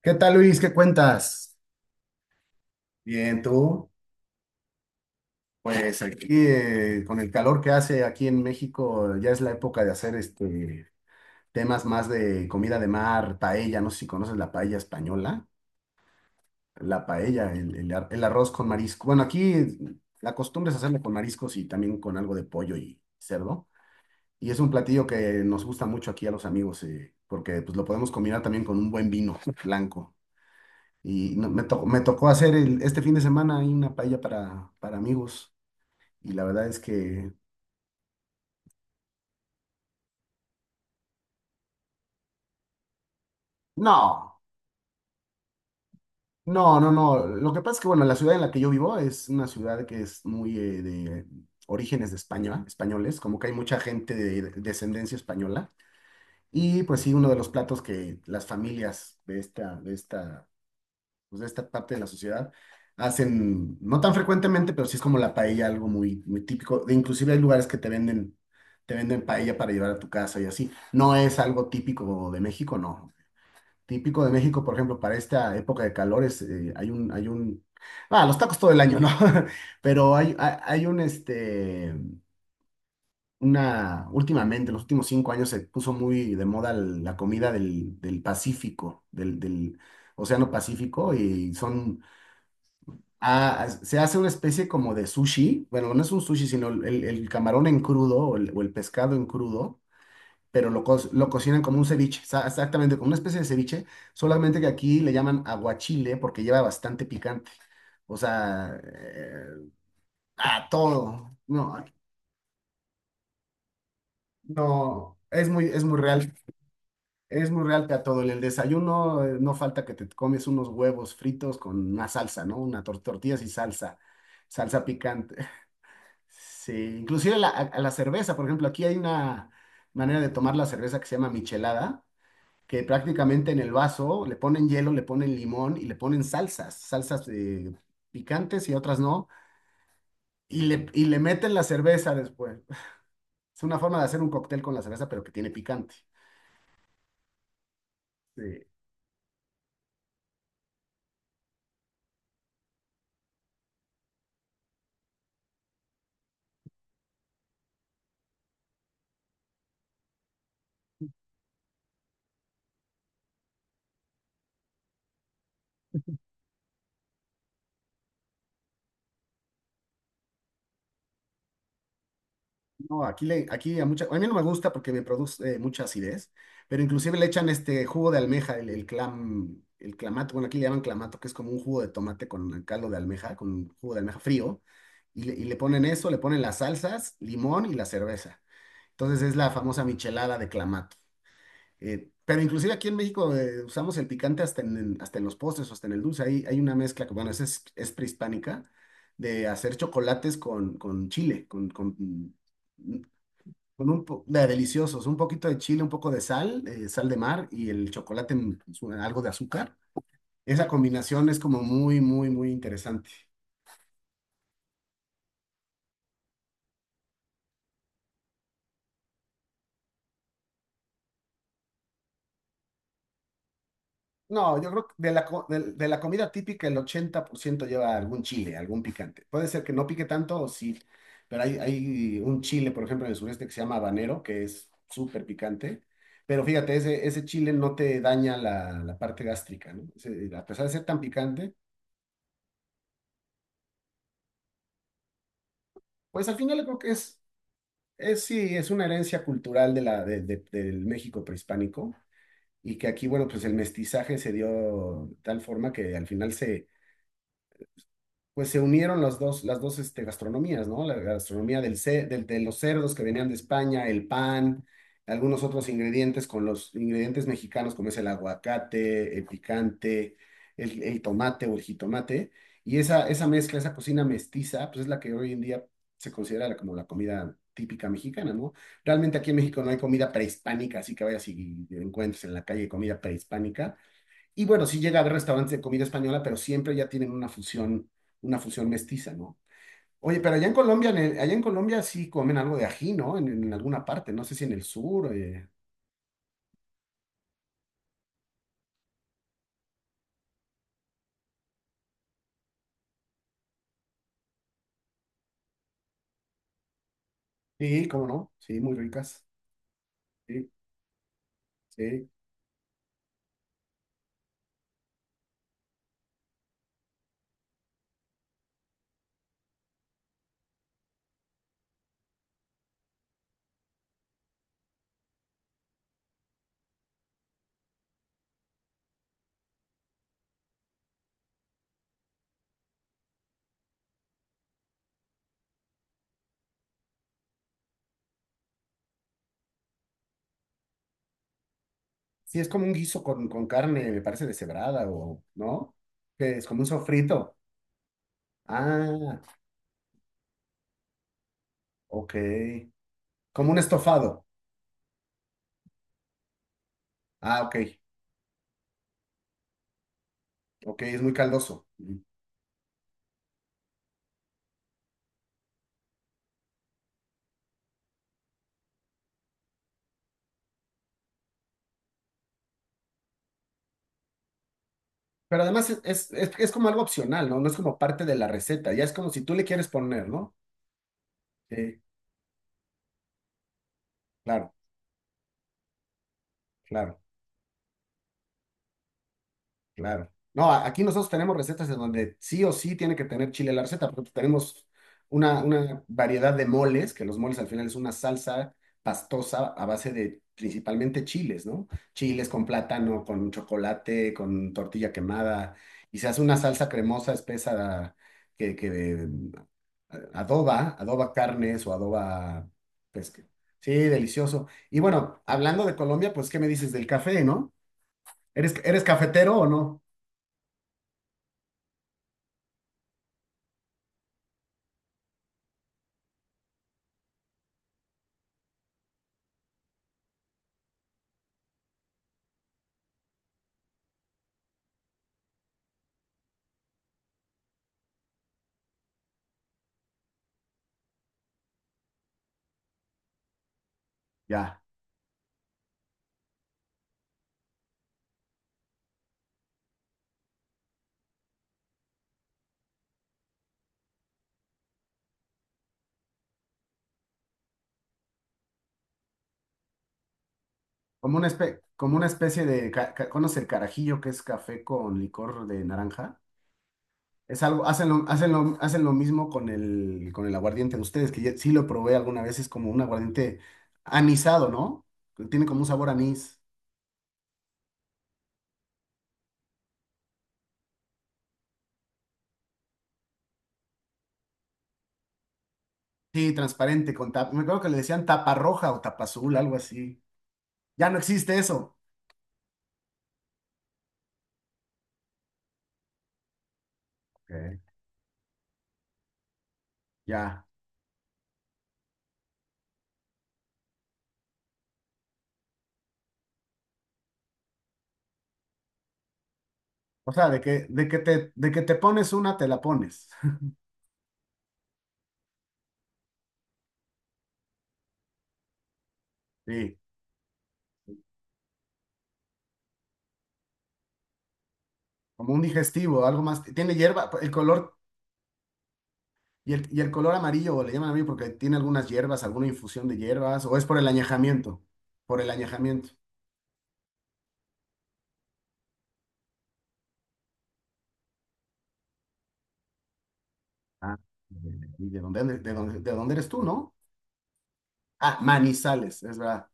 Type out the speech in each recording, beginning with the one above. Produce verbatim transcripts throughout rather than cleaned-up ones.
¿Qué tal, Luis? ¿Qué cuentas? Bien, tú, pues aquí eh, con el calor que hace aquí en México, ya es la época de hacer este temas más de comida de mar, paella. No sé si conoces la paella española. La paella, el, el ar- el arroz con marisco. Bueno, aquí la costumbre es hacerlo con mariscos y también con algo de pollo y cerdo. Y es un platillo que nos gusta mucho aquí a los amigos, eh, porque pues lo podemos combinar también con un buen vino blanco. Y no- me, to- me tocó hacer el- este fin de semana ahí una paella para, para amigos. Y la verdad es que no, no, no, no. Lo que pasa es que, bueno, la ciudad en la que yo vivo es una ciudad que es muy eh, de orígenes de España, españoles, como que hay mucha gente de, de descendencia española. Y pues sí, uno de los platos que las familias de esta, de esta pues, de esta parte de la sociedad hacen, no tan frecuentemente, pero sí es como la paella, algo muy, muy típico. E inclusive hay lugares que te venden, te venden paella para llevar a tu casa y así. No es algo típico de México, no. Típico de México, por ejemplo, para esta época de calores, eh, hay un, hay un, ah, los tacos todo el año, ¿no? Pero hay, hay, hay un, este, una, últimamente, en los últimos cinco años se puso muy de moda el- la comida del, del Pacífico, del, del Océano Pacífico. Y son... Ah, se hace una especie como de sushi. Bueno, no es un sushi, sino el, el- camarón en crudo o el, o el pescado en crudo, pero lo, co- lo cocinan como un ceviche, sa- exactamente, como una especie de ceviche, solamente que aquí le llaman aguachile porque lleva bastante picante. O sea, eh, a todo. No, no, es muy, es muy real. Es muy real que a todo. En el desayuno, eh, no falta que te comes unos huevos fritos con una salsa, ¿no? Una tor- tortillas y salsa, salsa picante. Sí, inclusive la- a, a la cerveza, por ejemplo, aquí hay una manera de tomar la cerveza que se llama michelada, que prácticamente en el vaso le ponen hielo, le ponen limón y le ponen salsas, salsas eh, picantes y otras no, y le, y le meten la cerveza después. Es una forma de hacer un cóctel con la cerveza, pero que tiene picante. Sí. No, aquí, le, aquí a, mucha, a mí no me gusta porque me produce eh, mucha acidez, pero inclusive le echan este jugo de almeja, el, el clam, el clamato. Bueno, aquí le llaman clamato, que es como un jugo de tomate con caldo de almeja, con un jugo de almeja frío, y le, y le ponen eso, le ponen las salsas, limón y la cerveza. Entonces es la famosa michelada de clamato. Eh, pero inclusive aquí en México eh, usamos el picante hasta en, en- hasta en los postres, hasta en el dulce. Ahí hay una mezcla que, bueno, esa es, es prehispánica, de hacer chocolates con, con chile, con, con con un po- de- deliciosos, un poquito de chile, un poco de sal, eh, sal de mar y el chocolate, en su- algo de azúcar. Esa combinación es como muy, muy, muy interesante. No, yo creo que de la, co- de, de la comida típica el ochenta por ciento lleva algún chile, algún picante. Puede ser que no pique tanto o sí, pero hay, hay un chile, por ejemplo, en el sureste que se llama habanero, que es súper picante. Pero fíjate, ese, ese chile no te daña la, la parte gástrica, ¿no? Ese- a pesar de ser tan picante, pues al final yo creo que es. Es, sí, es una herencia cultural de la, de- de- del México prehispánico, y que aquí, bueno, pues el mestizaje se dio de tal forma que al final se pues se unieron las dos, las dos este, gastronomías, ¿no? La gastronomía del, ce- del- de los cerdos que venían de España, el pan, algunos otros ingredientes con los ingredientes mexicanos, como es el aguacate, el picante, el, el tomate o el jitomate. Y esa, esa mezcla, esa cocina mestiza, pues es la que hoy en día se considera la- como la comida típica mexicana, ¿no? Realmente aquí en México no hay comida prehispánica, así que vayas y encuentres en la calle comida prehispánica. Y bueno, sí llega a haber restaurantes de comida española, pero siempre ya tienen una fusión, una fusión mestiza, ¿no? Oye, pero allá en Colombia, en el- allá en Colombia sí comen algo de ají, ¿no? En, en alguna parte, no sé si en el sur. eh, Sí, cómo no, sí, muy ricas. Sí, sí. Sí, es como un guiso con, con carne, me parece, deshebrada o, ¿no? Que es como un sofrito. Ah, ok. Como un estofado. Ah, ok. Ok, es muy caldoso. Pero además es, es, es- es como algo opcional, ¿no? No es como parte de la receta, ya es como si tú le quieres poner, ¿no? Sí, claro, claro, claro. No, a- aquí nosotros tenemos recetas en donde sí o sí tiene que tener chile la receta, porque tenemos una, una variedad de moles, que los moles al final es una salsa pastosa a base de principalmente chiles, ¿no? Chiles con plátano, con chocolate, con tortilla quemada, y se hace una salsa cremosa, espesa, que, que Adoba, adoba carnes o adoba pesca. Sí, delicioso. Y bueno, hablando de Colombia, pues, ¿qué me dices del café, no? ¿Eres, eres cafetero o no? Ya. Como una espe- como una especie de, ca- ca- ¿conoce el carajillo, que es café con licor de naranja? Es algo, hacen lo, hacen lo- hacen lo mismo con el, con el aguardiente de ustedes, que ya- sí lo probé alguna vez. Es como un aguardiente anisado, ¿no? Que tiene como un sabor anís. Sí, transparente, con tapa. Me acuerdo que le decían tapa roja o tapa azul, algo así. Ya no existe eso. Ok, ya. O sea, de que, de que te, de que te pones una, te la pones. Sí, como un digestivo, algo más. Tiene hierba, el color, y el, y el color amarillo, le llaman a mí porque tiene algunas hierbas, alguna infusión de hierbas, o es por el añejamiento. Por el añejamiento. Ah, ¿y de dónde, de dónde, de dónde eres tú, no? Ah, Manizales, es verdad.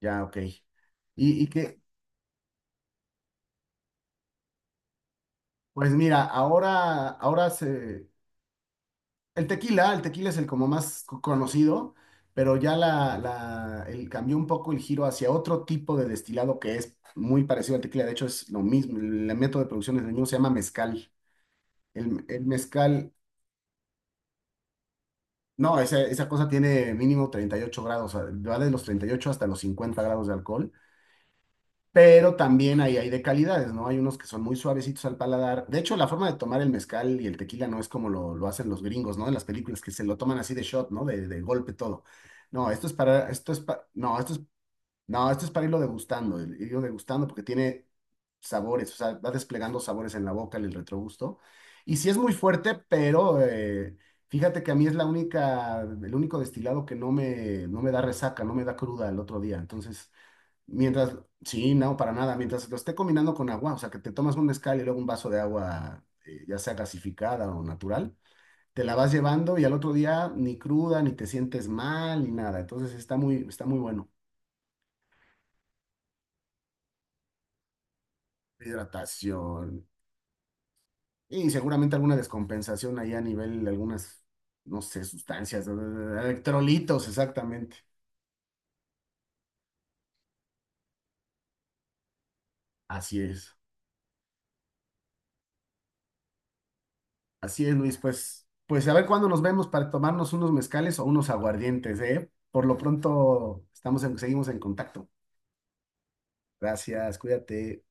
Ya, ok. Y, y que, pues mira, ahora, ahora se, El tequila, el tequila es el como más co- conocido, pero ya la, la- el, cambió un poco el giro hacia otro tipo de destilado que es muy parecido al tequila. De hecho, es lo mismo. El, el método de producción es el mismo, se llama mezcal. El, el mezcal, no, esa, esa cosa tiene mínimo treinta y ocho grados, o sea, va de los treinta y ocho hasta los cincuenta grados de alcohol. Pero también ahí hay de calidades, ¿no? Hay unos que son muy suavecitos al paladar. De hecho, la forma de tomar el mezcal y el tequila no es como lo, lo hacen los gringos, ¿no? En las películas que se lo toman así de shot, ¿no? De, de golpe todo. No, esto es para, esto es pa- no, esto es, no, esto es para irlo degustando, el- irlo degustando porque tiene sabores, o sea, va desplegando sabores en la boca, en el retrogusto. Y sí es muy fuerte, pero eh, fíjate que a mí es la única, el único destilado que no me, no me da resaca, no me da cruda el otro día. Entonces... Mientras, sí, no, para nada. Mientras lo esté combinando con agua, o sea, que te tomas un mezcal y luego un vaso de agua, eh, ya sea gasificada o natural, te la vas llevando y al otro día ni cruda, ni te sientes mal, ni nada. Entonces está muy, está muy bueno. Hidratación y seguramente alguna descompensación ahí a nivel de algunas, no sé, sustancias, eh, electrolitos, exactamente. Así es. Así es, Luis, pues, pues a ver cuándo nos vemos para tomarnos unos mezcales o unos aguardientes, ¿eh? Por lo pronto estamos en- seguimos en contacto. Gracias, cuídate.